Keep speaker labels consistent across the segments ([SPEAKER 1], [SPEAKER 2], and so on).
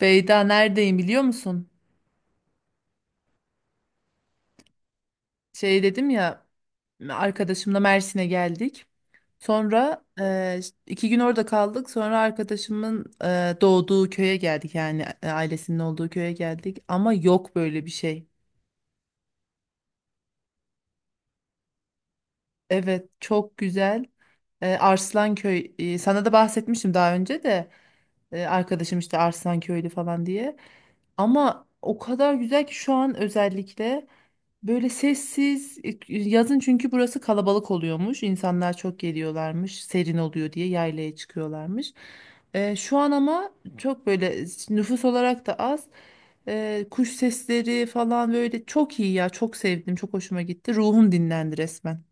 [SPEAKER 1] Beyda neredeyim biliyor musun? Şey dedim ya, arkadaşımla Mersin'e geldik. Sonra iki gün orada kaldık. Sonra arkadaşımın doğduğu köye geldik, yani ailesinin olduğu köye geldik. Ama yok böyle bir şey. Evet, çok güzel. Arslanköy, sana da bahsetmiştim daha önce de, arkadaşım işte Arslanköylü falan diye. Ama o kadar güzel ki şu an, özellikle. Böyle sessiz, yazın çünkü burası kalabalık oluyormuş. İnsanlar çok geliyorlarmış. Serin oluyor diye yaylaya çıkıyorlarmış. Şu an ama çok böyle, nüfus olarak da az. Kuş sesleri falan böyle çok iyi ya. Çok sevdim. Çok hoşuma gitti. Ruhum dinlendi resmen.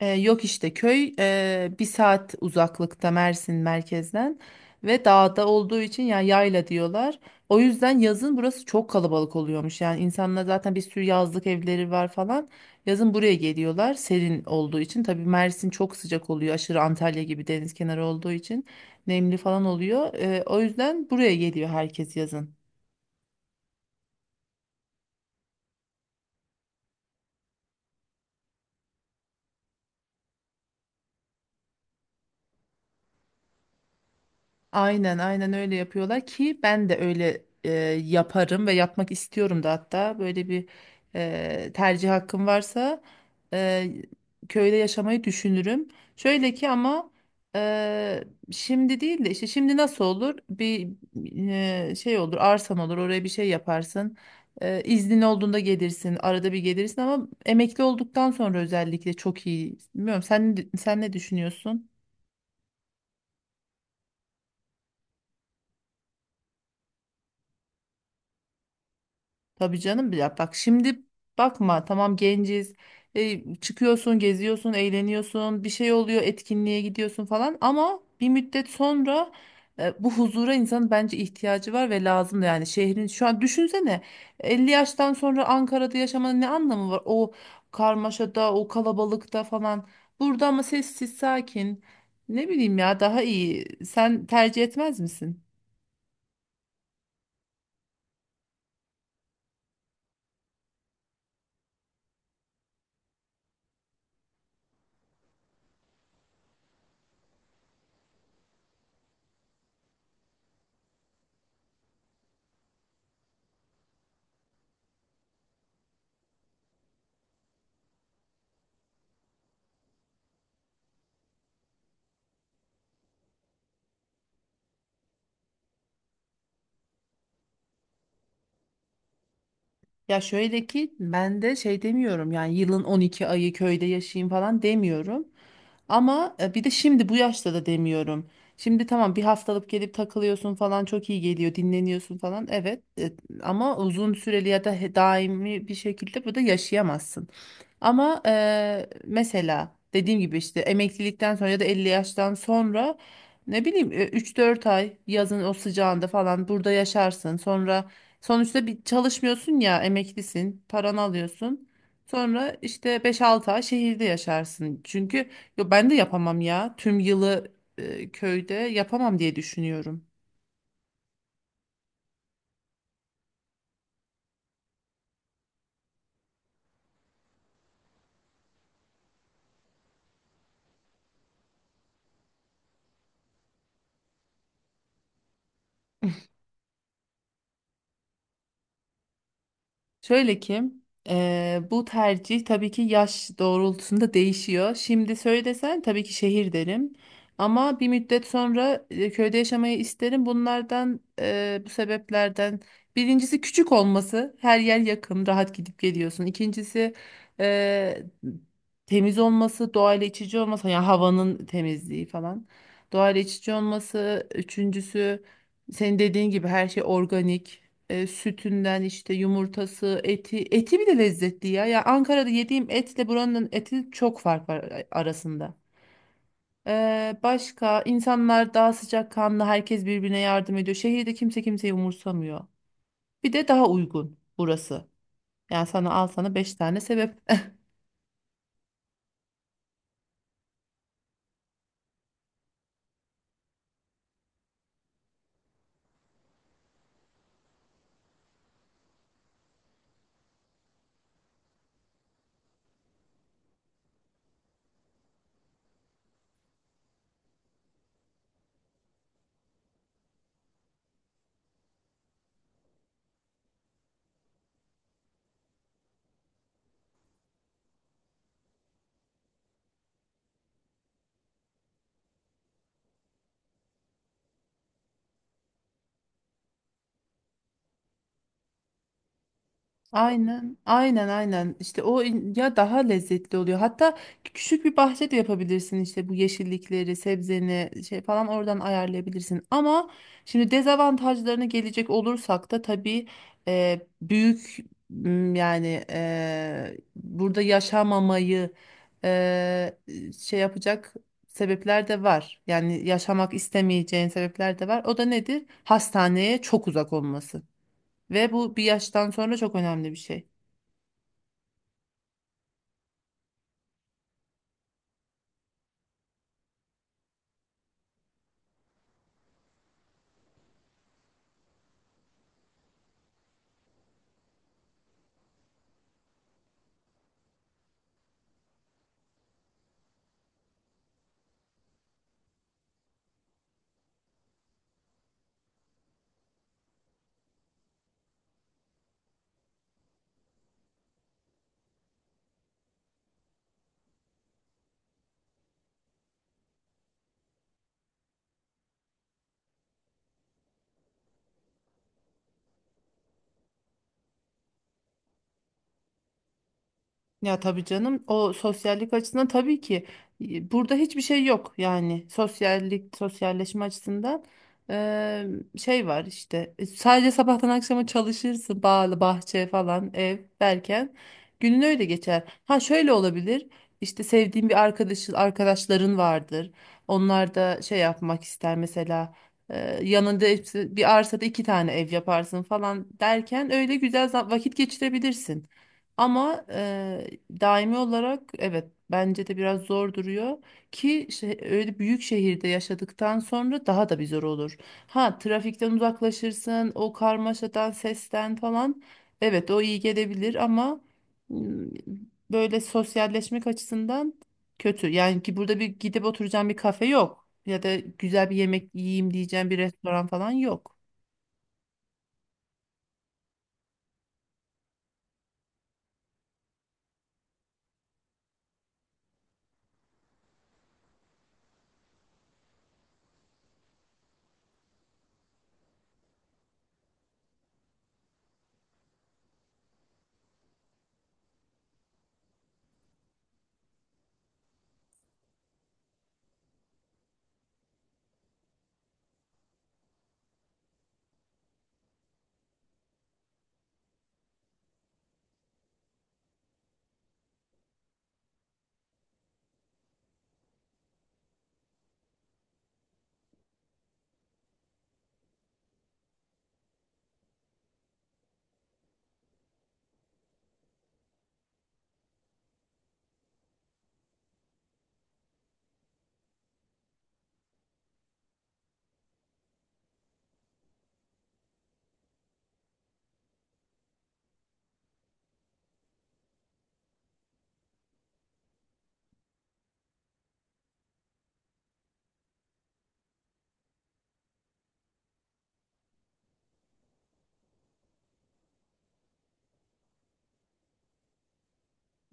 [SPEAKER 1] Yok işte, köy bir saat uzaklıkta Mersin merkezden ve dağda olduğu için ya, yayla diyorlar. O yüzden yazın burası çok kalabalık oluyormuş. Yani insanlar zaten bir sürü yazlık evleri var falan. Yazın buraya geliyorlar serin olduğu için. Tabii Mersin çok sıcak oluyor aşırı, Antalya gibi deniz kenarı olduğu için nemli falan oluyor. O yüzden buraya geliyor herkes yazın. Aynen aynen öyle yapıyorlar ki, ben de öyle yaparım ve yapmak istiyorum da. Hatta böyle bir tercih hakkım varsa, e, köyde yaşamayı düşünürüm. Şöyle ki ama, e, şimdi değil de, işte şimdi nasıl olur? Bir şey olur, arsan olur, oraya bir şey yaparsın. İznin olduğunda gelirsin, arada bir gelirsin, ama emekli olduktan sonra özellikle çok iyi. Bilmiyorum, sen ne düşünüyorsun? Tabii canım, ya bak şimdi, bakma tamam, genciz. Çıkıyorsun, geziyorsun, eğleniyorsun, bir şey oluyor, etkinliğe gidiyorsun falan, ama bir müddet sonra bu huzura insanın bence ihtiyacı var ve lazım da. Yani şehrin, şu an düşünsene, 50 yaştan sonra Ankara'da yaşamanın ne anlamı var, o karmaşada, o kalabalıkta falan? Burada ama sessiz sakin, ne bileyim ya, daha iyi. Sen tercih etmez misin? Ya şöyle ki, ben de şey demiyorum, yani yılın 12 ayı köyde yaşayayım falan demiyorum. Ama bir de şimdi bu yaşta da demiyorum. Şimdi tamam, bir haftalık gelip takılıyorsun falan, çok iyi geliyor, dinleniyorsun falan. Evet, ama uzun süreli ya da daimi bir şekilde burada yaşayamazsın. Ama mesela dediğim gibi işte, emeklilikten sonra ya da 50 yaştan sonra, ne bileyim, 3-4 ay yazın o sıcağında falan burada yaşarsın. Sonra, sonuçta bir çalışmıyorsun ya, emeklisin, paranı alıyorsun. Sonra işte beş altı ay şehirde yaşarsın. Çünkü, yo, ben de yapamam ya. Tüm yılı köyde yapamam diye düşünüyorum. Şöyle ki, bu tercih tabii ki yaş doğrultusunda değişiyor. Şimdi söylesen tabii ki şehir derim. Ama bir müddet sonra köyde yaşamayı isterim. Bunlardan, bu sebeplerden birincisi, küçük olması. Her yer yakın, rahat gidip geliyorsun. İkincisi, eee, temiz olması, doğayla iç içe olması. Yani havanın temizliği falan. Doğayla iç içe olması. Üçüncüsü, senin dediğin gibi her şey organik. Sütünden işte, yumurtası, eti, eti bile lezzetli ya. Ya Ankara'da yediğim etle buranın eti çok fark var arasında. Başka, insanlar daha sıcakkanlı, herkes birbirine yardım ediyor. Şehirde kimse kimseyi umursamıyor. Bir de daha uygun burası. Yani sana, al sana 5 tane sebep. Aynen, aynen, aynen. İşte o ya daha lezzetli oluyor. Hatta küçük bir bahçe de yapabilirsin, işte bu yeşillikleri, sebzeni şey falan oradan ayarlayabilirsin. Ama şimdi dezavantajlarına gelecek olursak da, tabii, büyük, yani burada yaşamamayı e, şey yapacak sebepler de var. Yani yaşamak istemeyeceğin sebepler de var. O da nedir? Hastaneye çok uzak olması. Ve bu bir yaştan sonra çok önemli bir şey. Ya tabii canım, o sosyallik açısından tabii ki burada hiçbir şey yok, yani sosyallik, sosyalleşme açısından. e, Şey var işte, sadece sabahtan akşama çalışırsın, bağlı bahçe falan, ev derken günün öyle geçer. Ha, şöyle olabilir, işte sevdiğin bir arkadaşın, arkadaşların vardır, onlar da şey yapmak ister mesela, e, yanında hepsi, bir arsada iki tane ev yaparsın falan derken öyle güzel vakit geçirebilirsin. Ama daimi olarak evet, bence de biraz zor duruyor ki şey, öyle büyük şehirde yaşadıktan sonra daha da bir zor olur. Ha, trafikten uzaklaşırsın, o karmaşadan, sesten falan. Evet, o iyi gelebilir ama ım, böyle sosyalleşmek açısından kötü. Yani ki burada bir gidip oturacağım bir kafe yok, ya da güzel bir yemek yiyeyim diyeceğim bir restoran falan yok.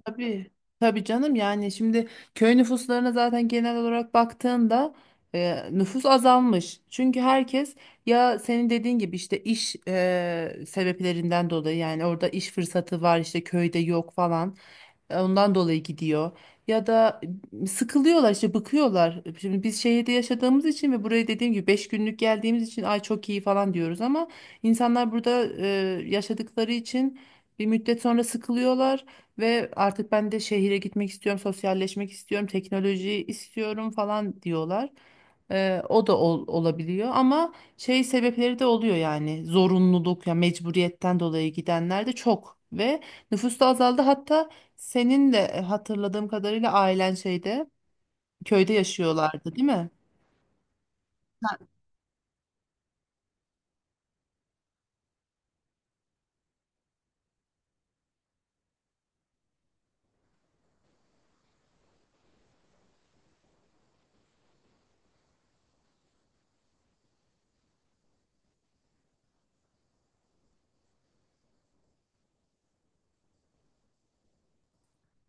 [SPEAKER 1] Tabii. Tabii canım, yani şimdi köy nüfuslarına zaten genel olarak baktığında, nüfus azalmış. Çünkü herkes, ya senin dediğin gibi işte iş sebeplerinden dolayı, yani orada iş fırsatı var, işte köyde yok falan. Ondan dolayı gidiyor. Ya da sıkılıyorlar işte, bıkıyorlar. Şimdi biz şehirde yaşadığımız için ve buraya dediğim gibi 5 günlük geldiğimiz için ay çok iyi falan diyoruz, ama insanlar burada yaşadıkları için bir müddet sonra sıkılıyorlar. Ve artık ben de şehire gitmek istiyorum, sosyalleşmek istiyorum, teknolojiyi istiyorum falan diyorlar. O da olabiliyor ama şey, sebepleri de oluyor, yani zorunluluk ya mecburiyetten dolayı gidenler de çok ve nüfus da azaldı. Hatta senin de hatırladığım kadarıyla ailen şeyde, köyde yaşıyorlardı, değil mi?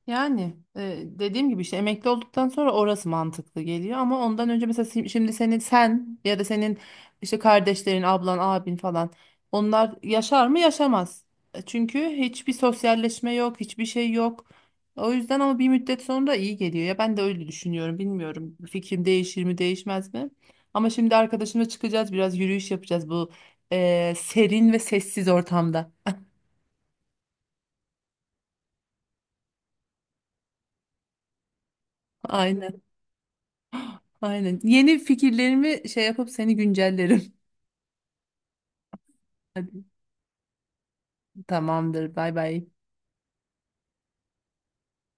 [SPEAKER 1] Yani dediğim gibi işte emekli olduktan sonra orası mantıklı geliyor, ama ondan önce mesela, şimdi senin, sen ya da senin işte kardeşlerin, ablan, abin falan, onlar yaşar mı? Yaşamaz. Çünkü hiçbir sosyalleşme yok, hiçbir şey yok. O yüzden, ama bir müddet sonra iyi geliyor ya, ben de öyle düşünüyorum. Bilmiyorum, fikrim değişir mi, değişmez mi? Ama şimdi arkadaşımla çıkacağız, biraz yürüyüş yapacağız bu serin ve sessiz ortamda. Aynen. Aynen. Yeni fikirlerimi şey yapıp seni güncellerim. Hadi, tamamdır. Bay bay.